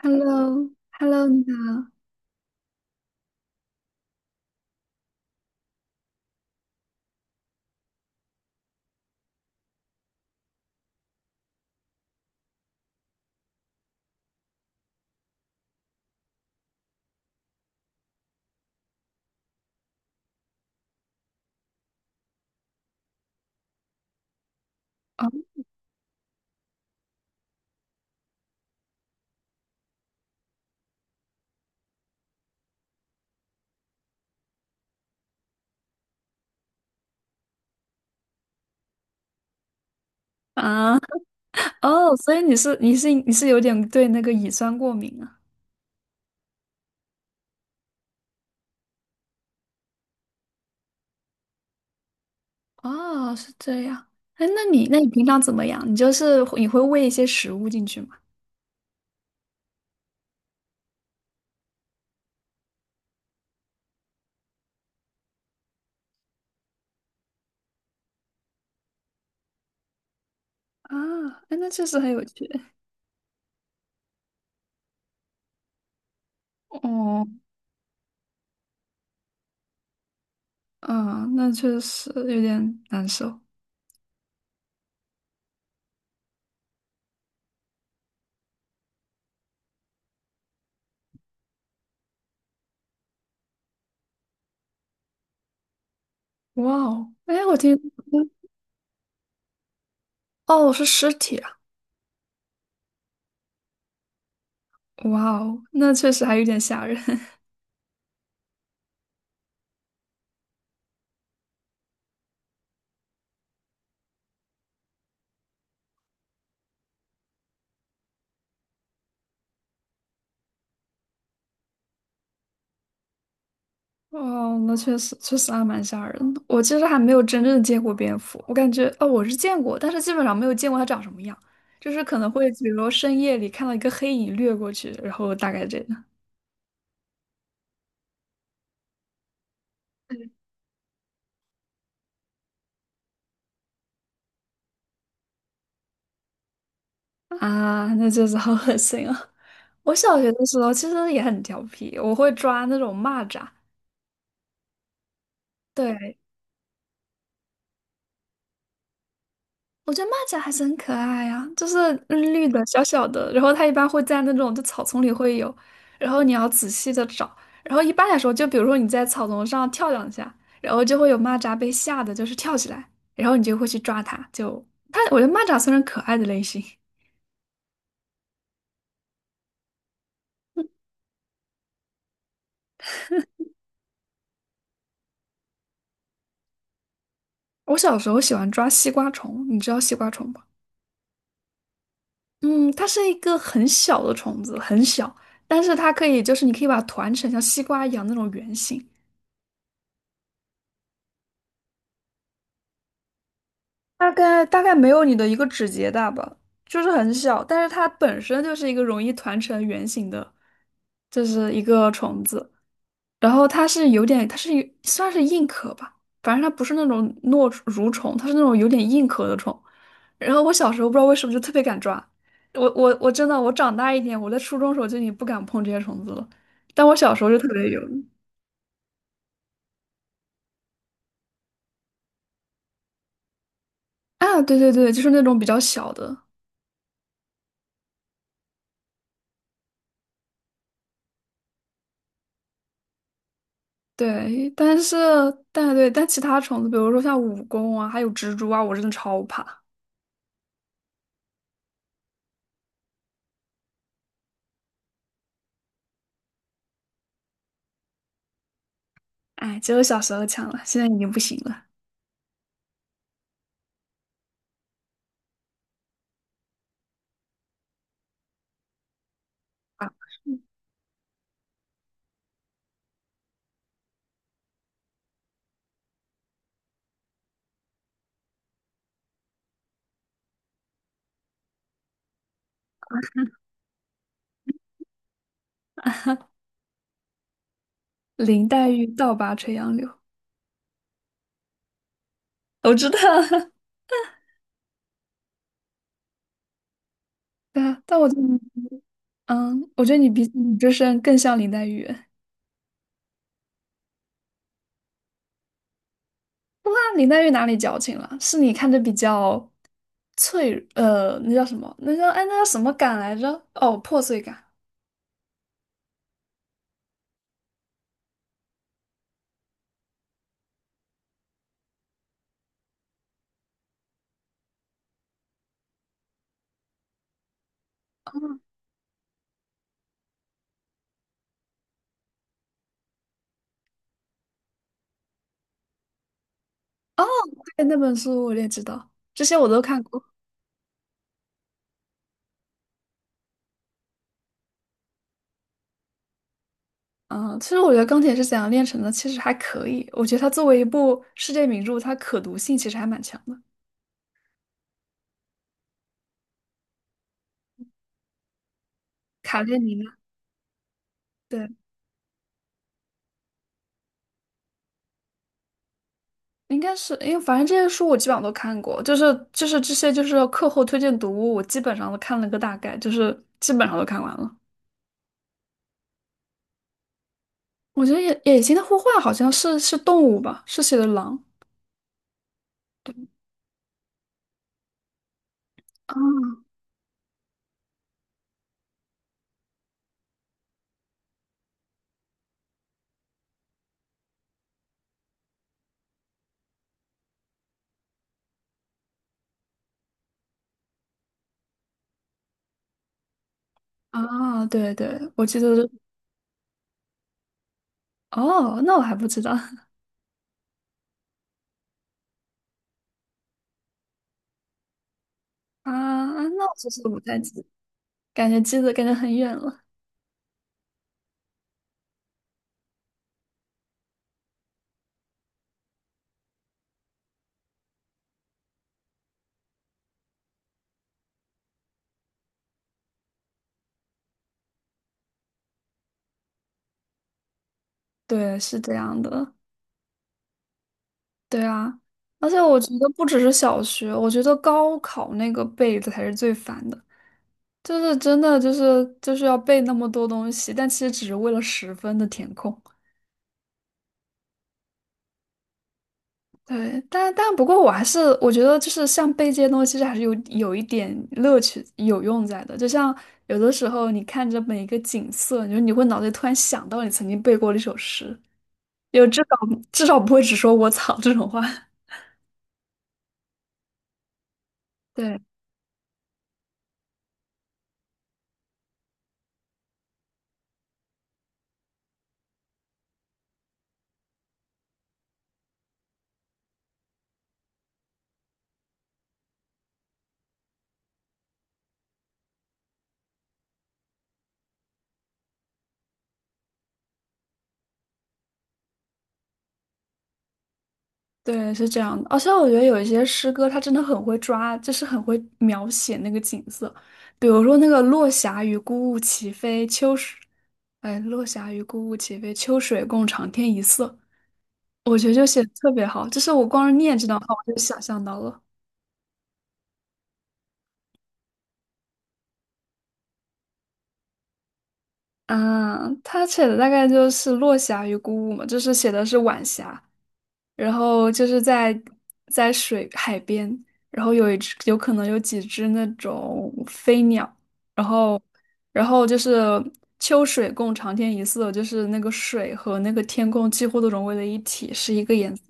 h e l l o h e l l o 你好。哦啊，哦，所以你是有点对那个乙酸过敏啊？哦，是这样。哎，那你平常怎么样？你就是你会喂一些食物进去吗？啊，哎，那确实很有趣。哦，啊，那确实有点难受。哇哦，哎，我听，哦，是尸体啊！哇哦，那确实还有点吓人。哦，那确实还蛮吓人的。我其实还没有真正见过蝙蝠，我感觉哦，我是见过，但是基本上没有见过它长什么样，就是可能会比如说深夜里看到一个黑影掠过去，然后大概这个啊，那就是好恶心啊！我小学的时候其实也很调皮，我会抓那种蚂蚱，对，我觉得蚂蚱还是很可爱啊，就是绿绿的、小小的，然后它一般会在那种就草丛里会有，然后你要仔细的找，然后一般来说，就比如说你在草丛上跳两下，然后就会有蚂蚱被吓得就是跳起来，然后你就会去抓它，就它，我觉得蚂蚱算是可爱的类型。我小时候喜欢抓西瓜虫，你知道西瓜虫吗？嗯，它是一个很小的虫子，很小，但是它可以就是你可以把它团成像西瓜一样那种圆形。大概没有你的一个指节大吧，就是很小，但是它本身就是一个容易团成圆形的，就是一个虫子。然后它是有点，它是有算是硬壳吧，反正它不是那种糯蠕虫，它是那种有点硬壳的虫。然后我小时候不知道为什么就特别敢抓，我真的我长大一点，我在初中时候就已经不敢碰这些虫子了，但我小时候就特别有啊，对对对，就是那种比较小的，对，但是但对，但其他虫子，比如说像蜈蚣啊，还有蜘蛛啊，我真的超怕。哎，只有小时候强了，现在已经不行了。林黛玉倒拔垂杨柳，我知道。对啊，但我觉得你嗯，我觉得你比你这身更像林黛玉。哇，林黛玉哪里矫情了？是你看着比较脆，那叫什么？那叫什么感来着？哦，破碎感。哦，对，那本书我也知道，这些我都看过。嗯，其实我觉得《钢铁是怎样炼成的》其实还可以，我觉得它作为一部世界名著，它可读性其实还蛮强的。卡列尼娜，对，应该是，因为反正这些书我基本上都看过，就是这些就是课后推荐读物，我基本上都看了个大概，就是基本上都看完了。我觉得野心的呼唤好像是动物吧，是写的狼。对啊啊，对对，我记得是哦，那我还不知道 啊，那我就是不太记，感觉很远了。对，是这样的。对啊，而且我觉得不只是小学，我觉得高考那个背的才是最烦的，就是真的就是要背那么多东西，但其实只是为了十分的填空。对，但不过我觉得就是像背这些东西，其实还是有一点乐趣有用在的。就像有的时候你看着每一个景色，你说你会脑子里突然想到你曾经背过的一首诗，有至少至少不会只说我操这种话。对。对，是这样的。而且我觉得有一些诗歌，它真的很会抓，就是很会描写那个景色。比如说那个“落霞与孤鹜齐飞，秋水”，哎，“落霞与孤鹜齐飞，秋水共长天一色”，我觉得就写的特别好。就是我光是念这段话，我就想象到了。嗯，他写的大概就是“落霞与孤鹜”嘛，就是写的是晚霞。然后就是在水海边，然后有一只有可能有几只那种飞鸟，然后就是秋水共长天一色，就是那个水和那个天空几乎都融为了一体，是一个颜色。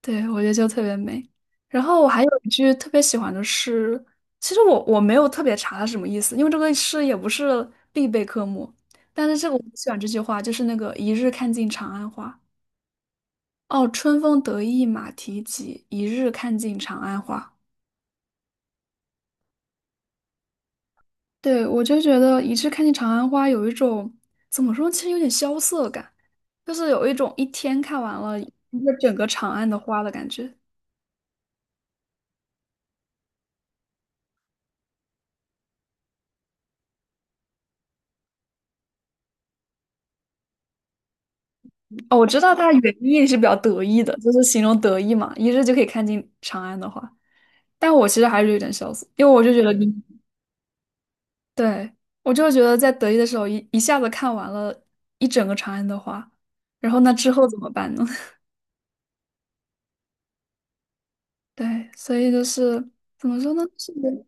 对，我觉得就特别美。然后我还有一句特别喜欢的诗，其实我没有特别查它是什么意思，因为这个诗也不是必备科目，但是这个我喜欢这句话，就是那个一日看尽长安花。哦，春风得意马蹄疾，一日看尽长安花。对，我就觉得一日看尽长安花有一种怎么说，其实有点萧瑟感，就是有一种一天看完了一个整个长安的花的感觉。哦，我知道它原意是比较得意的，就是形容得意嘛，一日就可以看尽长安的花。但我其实还是有点萧瑟，因为我就觉得你，对，我就觉得在得意的时候一下子看完了一整个长安的花，然后那之后怎么办呢？对，所以就是怎么说呢？是的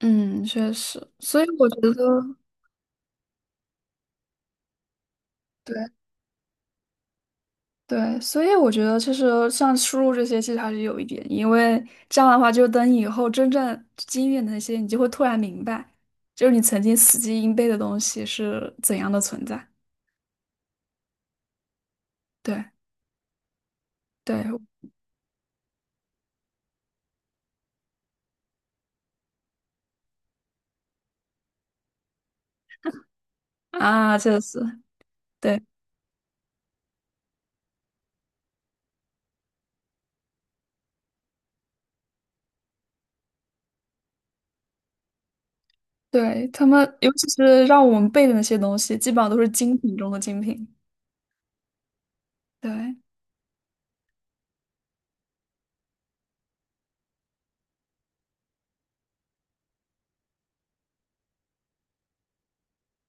嗯，确实，所以我觉得，对对，所以我觉得其实像输入这些，其实还是有一点，因为这样的话，就等以后真正经历的那些，你就会突然明白，就是你曾经死记硬背的东西是怎样的存在。对对啊，确实，对对，他们尤其是让我们背的那些东西，基本上都是精品中的精品。对。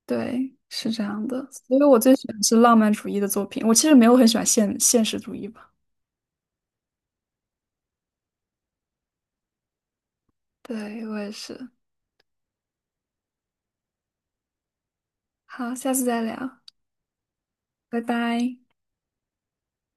对，是这样的。所以我最喜欢是浪漫主义的作品。我其实没有很喜欢现实主义吧。对，我也是。好，下次再聊，拜拜。